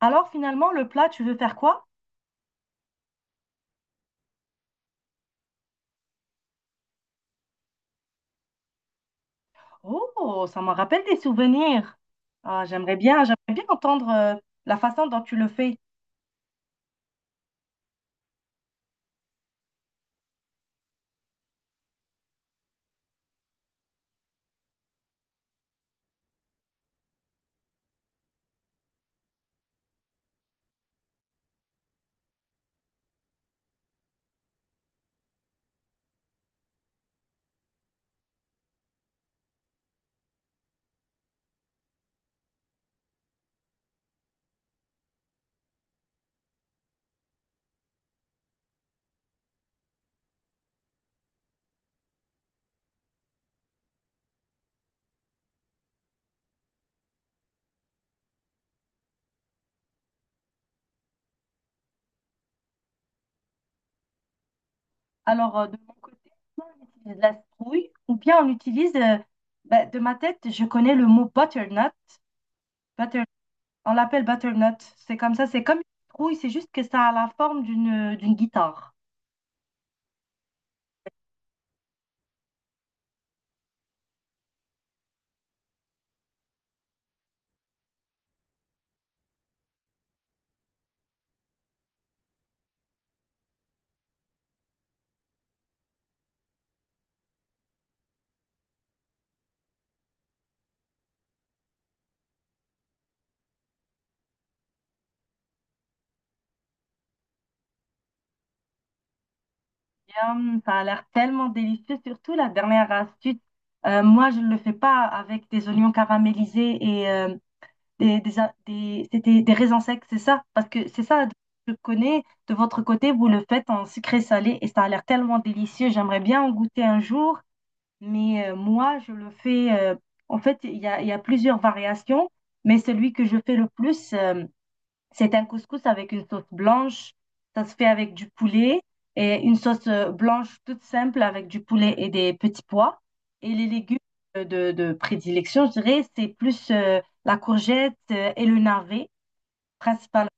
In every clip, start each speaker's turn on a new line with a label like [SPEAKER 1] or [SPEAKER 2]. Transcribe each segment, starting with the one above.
[SPEAKER 1] Alors finalement, le plat, tu veux faire quoi? Oh, ça me rappelle des souvenirs. Ah, j'aimerais bien entendre la façon dont tu le fais. Alors de mon côté, soit on utilise de la citrouille ou bien on utilise, ben, de ma tête, je connais le mot butternut. Butter- on l'appelle butternut. C'est comme ça, c'est comme une citrouille, c'est juste que ça a la forme d'une guitare. Yum, ça a l'air tellement délicieux, surtout la dernière astuce. Moi, je ne le fais pas avec des oignons caramélisés et c'était des raisins secs, c'est ça? Parce que c'est ça, je connais, de votre côté, vous le faites en sucré salé et ça a l'air tellement délicieux. J'aimerais bien en goûter un jour, mais moi, je le fais, en fait, il y a plusieurs variations, mais celui que je fais le plus, c'est un couscous avec une sauce blanche. Ça se fait avec du poulet et une sauce blanche toute simple avec du poulet et des petits pois. Et les légumes de prédilection, je dirais, c'est plus la courgette et le navet, principalement.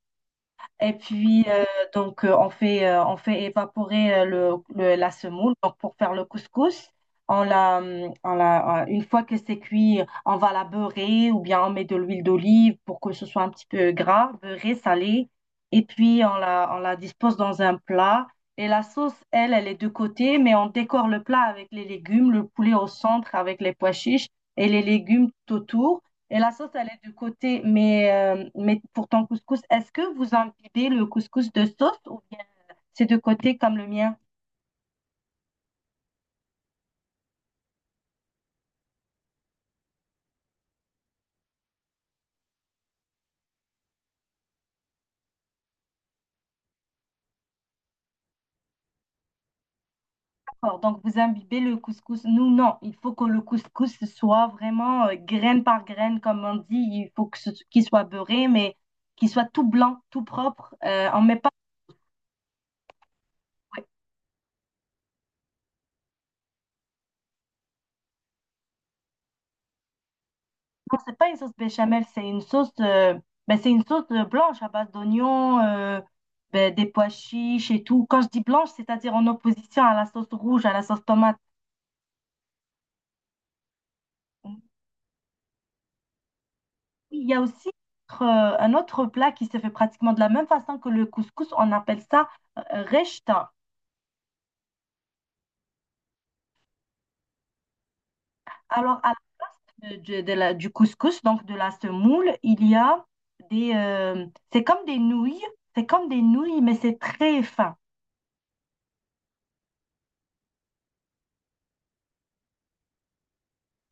[SPEAKER 1] Et puis, on fait évaporer la semoule. Donc, pour faire le couscous, on la, une fois que c'est cuit, on va la beurrer ou bien on met de l'huile d'olive pour que ce soit un petit peu gras, beurré, salé. Et puis, on la dispose dans un plat. Et la sauce, elle, elle est de côté, mais on décore le plat avec les légumes, le poulet au centre avec les pois chiches et les légumes tout autour. Et la sauce, elle est de côté, mais pour ton couscous, est-ce que vous imbibez le couscous de sauce ou bien c'est de côté comme le mien? D'accord, donc vous imbibez le couscous. Nous, non, il faut que le couscous soit vraiment graine par graine, comme on dit. Il faut que qu'il soit beurré, mais qu'il soit tout blanc, tout propre. On met pas... ouais. Non, c'est pas une sauce béchamel, c'est une sauce, ben, c'est une sauce blanche à base d'oignons, ben, des pois chiches et tout. Quand je dis blanche, c'est-à-dire en opposition à la sauce rouge, à la sauce tomate. Oui, il y a aussi euh, un autre plat qui se fait pratiquement de la même façon que le couscous. On appelle ça rechta. Alors, à la de la- du couscous, donc de la semoule, il y a des... c'est comme des nouilles. C'est comme des nouilles, mais c'est très fin.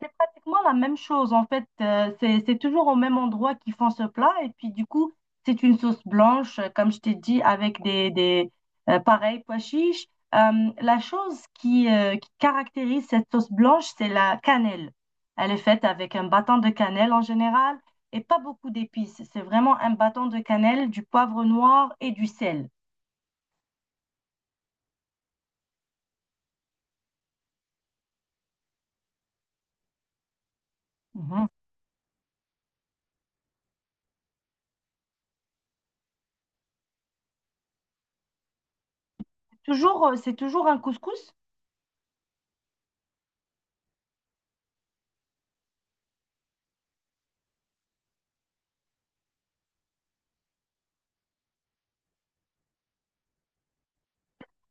[SPEAKER 1] C'est pratiquement la même chose en fait. C'est toujours au même endroit qu'ils font ce plat. Et puis du coup, c'est une sauce blanche, comme je t'ai dit, avec des pareils pois chiches. La chose qui caractérise cette sauce blanche, c'est la cannelle. Elle est faite avec un bâton de cannelle en général et pas beaucoup d'épices. C'est vraiment un bâton de cannelle, du poivre noir et du sel. Mhm. Toujours, c'est toujours un couscous,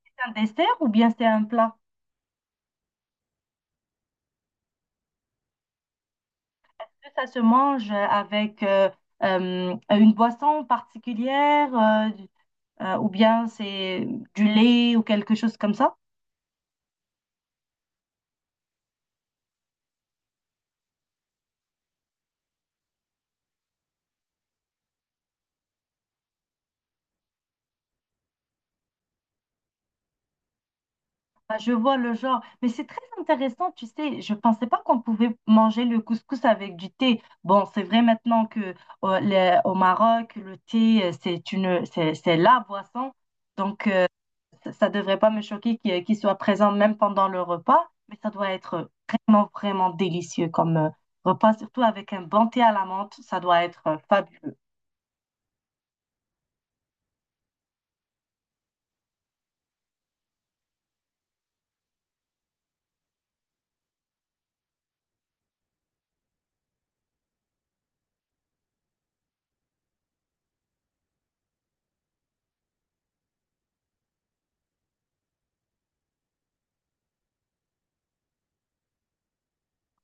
[SPEAKER 1] c'est un dessert ou bien c'est un plat? Ça se mange avec une boisson particulière ou bien c'est du lait ou quelque chose comme ça? Ah, je vois le genre, mais c'est très intéressant, tu sais, je pensais pas qu'on pouvait manger le couscous avec du thé. Bon, c'est vrai maintenant que au Maroc, le thé, c'est la boisson, donc ça devrait pas me choquer qu'il soit présent même pendant le repas, mais ça doit être vraiment, vraiment délicieux comme repas, surtout avec un bon thé à la menthe, ça doit être fabuleux.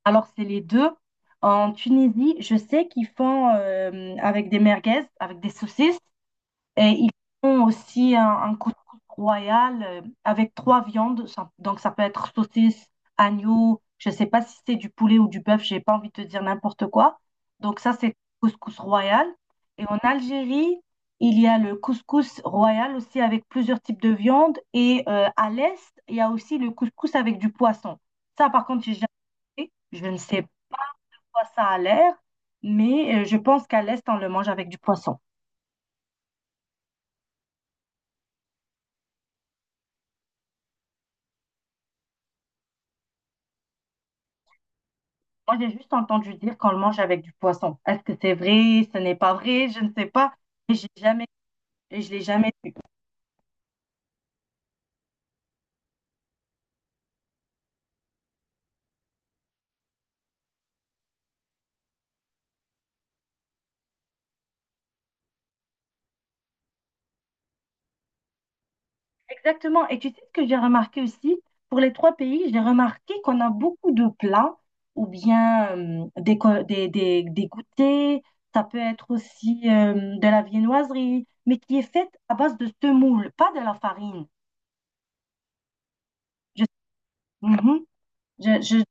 [SPEAKER 1] Alors, c'est les deux. En Tunisie, je sais qu'ils font avec des merguez, avec des saucisses. Et ils font aussi un couscous royal avec trois viandes. Ça- donc, ça peut être saucisse, agneau, je ne sais pas si c'est du poulet ou du bœuf, j'ai pas envie de te dire n'importe quoi. Donc, ça, c'est couscous royal. Et en Algérie, il y a le couscous royal aussi avec plusieurs types de viandes. Et à l'est, il y a aussi le couscous avec du poisson. Ça, par contre, j'ai jamais fait. Je ne sais pas, ça a l'air, mais je pense qu'à l'est, on le mange avec du poisson. Moi, j'ai juste entendu dire qu'on le mange avec du poisson. Est-ce que c'est vrai? Ce n'est pas vrai? Je ne sais pas. Et j'ai jamais, et je l'ai jamais. Exactement. Et tu sais ce que j'ai remarqué aussi? Pour les trois pays, j'ai remarqué qu'on a beaucoup de plats ou bien des goûters. Ça peut être aussi de la viennoiserie, mais qui est faite à base de semoule, pas de la farine. Je, mhm. Je, je,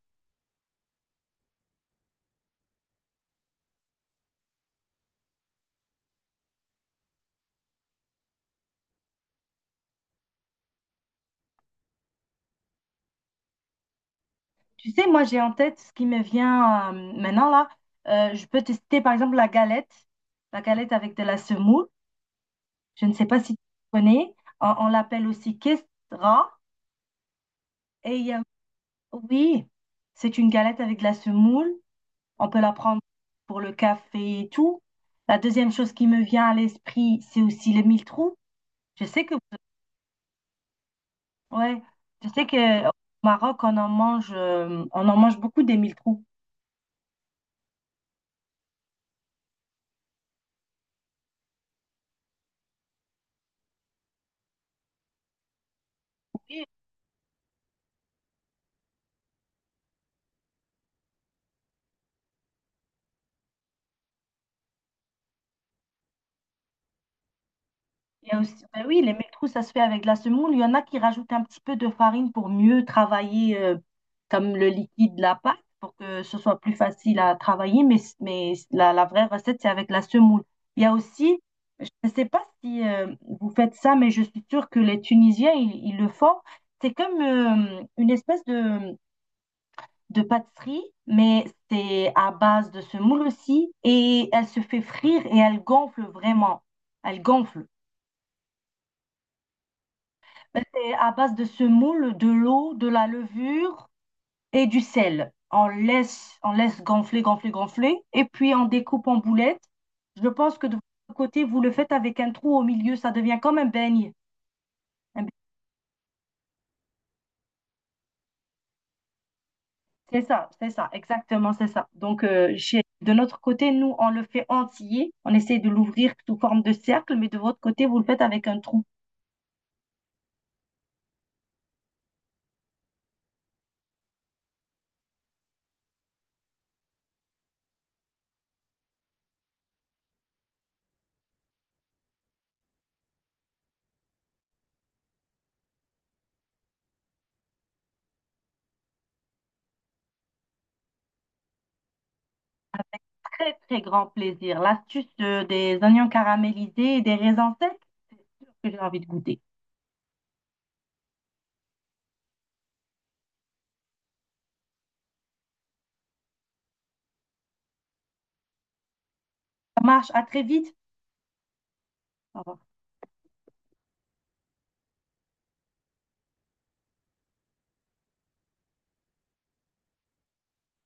[SPEAKER 1] tu sais, moi, j'ai en tête ce qui me vient maintenant là. Je peux tester par exemple la galette avec de la semoule. Je ne sais pas si tu connais. On l'appelle aussi kestra. Et oui, c'est une galette avec de la semoule. On peut la prendre pour le café et tout. La deuxième chose qui me vient à l'esprit, c'est aussi le mille-trous. Je sais que, ouais, je sais que au Maroc, on en mange beaucoup des mille-trous. Il y a aussi, ben oui, les métrous, ça se fait avec de la semoule. Il y en a qui rajoutent un petit peu de farine pour mieux travailler comme le liquide de la pâte, pour que ce soit plus facile à travailler. Mais la vraie recette, c'est avec la semoule. Il y a aussi, je ne sais pas si vous faites ça, mais je suis sûre que les Tunisiens, ils le font. C'est comme une espèce de pâtisserie, mais c'est à base de semoule aussi. Et elle se fait frire et elle gonfle vraiment. Elle gonfle. C'est à base de semoule, de l'eau, de la levure et du sel. On laisse gonfler, gonfler, gonfler. Et puis on découpe en boulettes. Je pense que de votre côté, vous le faites avec un trou au milieu. Ça devient comme un beigne. Un beigne. C'est ça, exactement, c'est ça. Donc, chez, de notre côté, nous, on le fait entier. On essaie de l'ouvrir sous forme de cercle, mais de votre côté, vous le faites avec un trou. Très, très grand plaisir. L'astuce des oignons caramélisés et des raisins secs que j'ai envie de goûter. Ça marche, à très vite. Au revoir.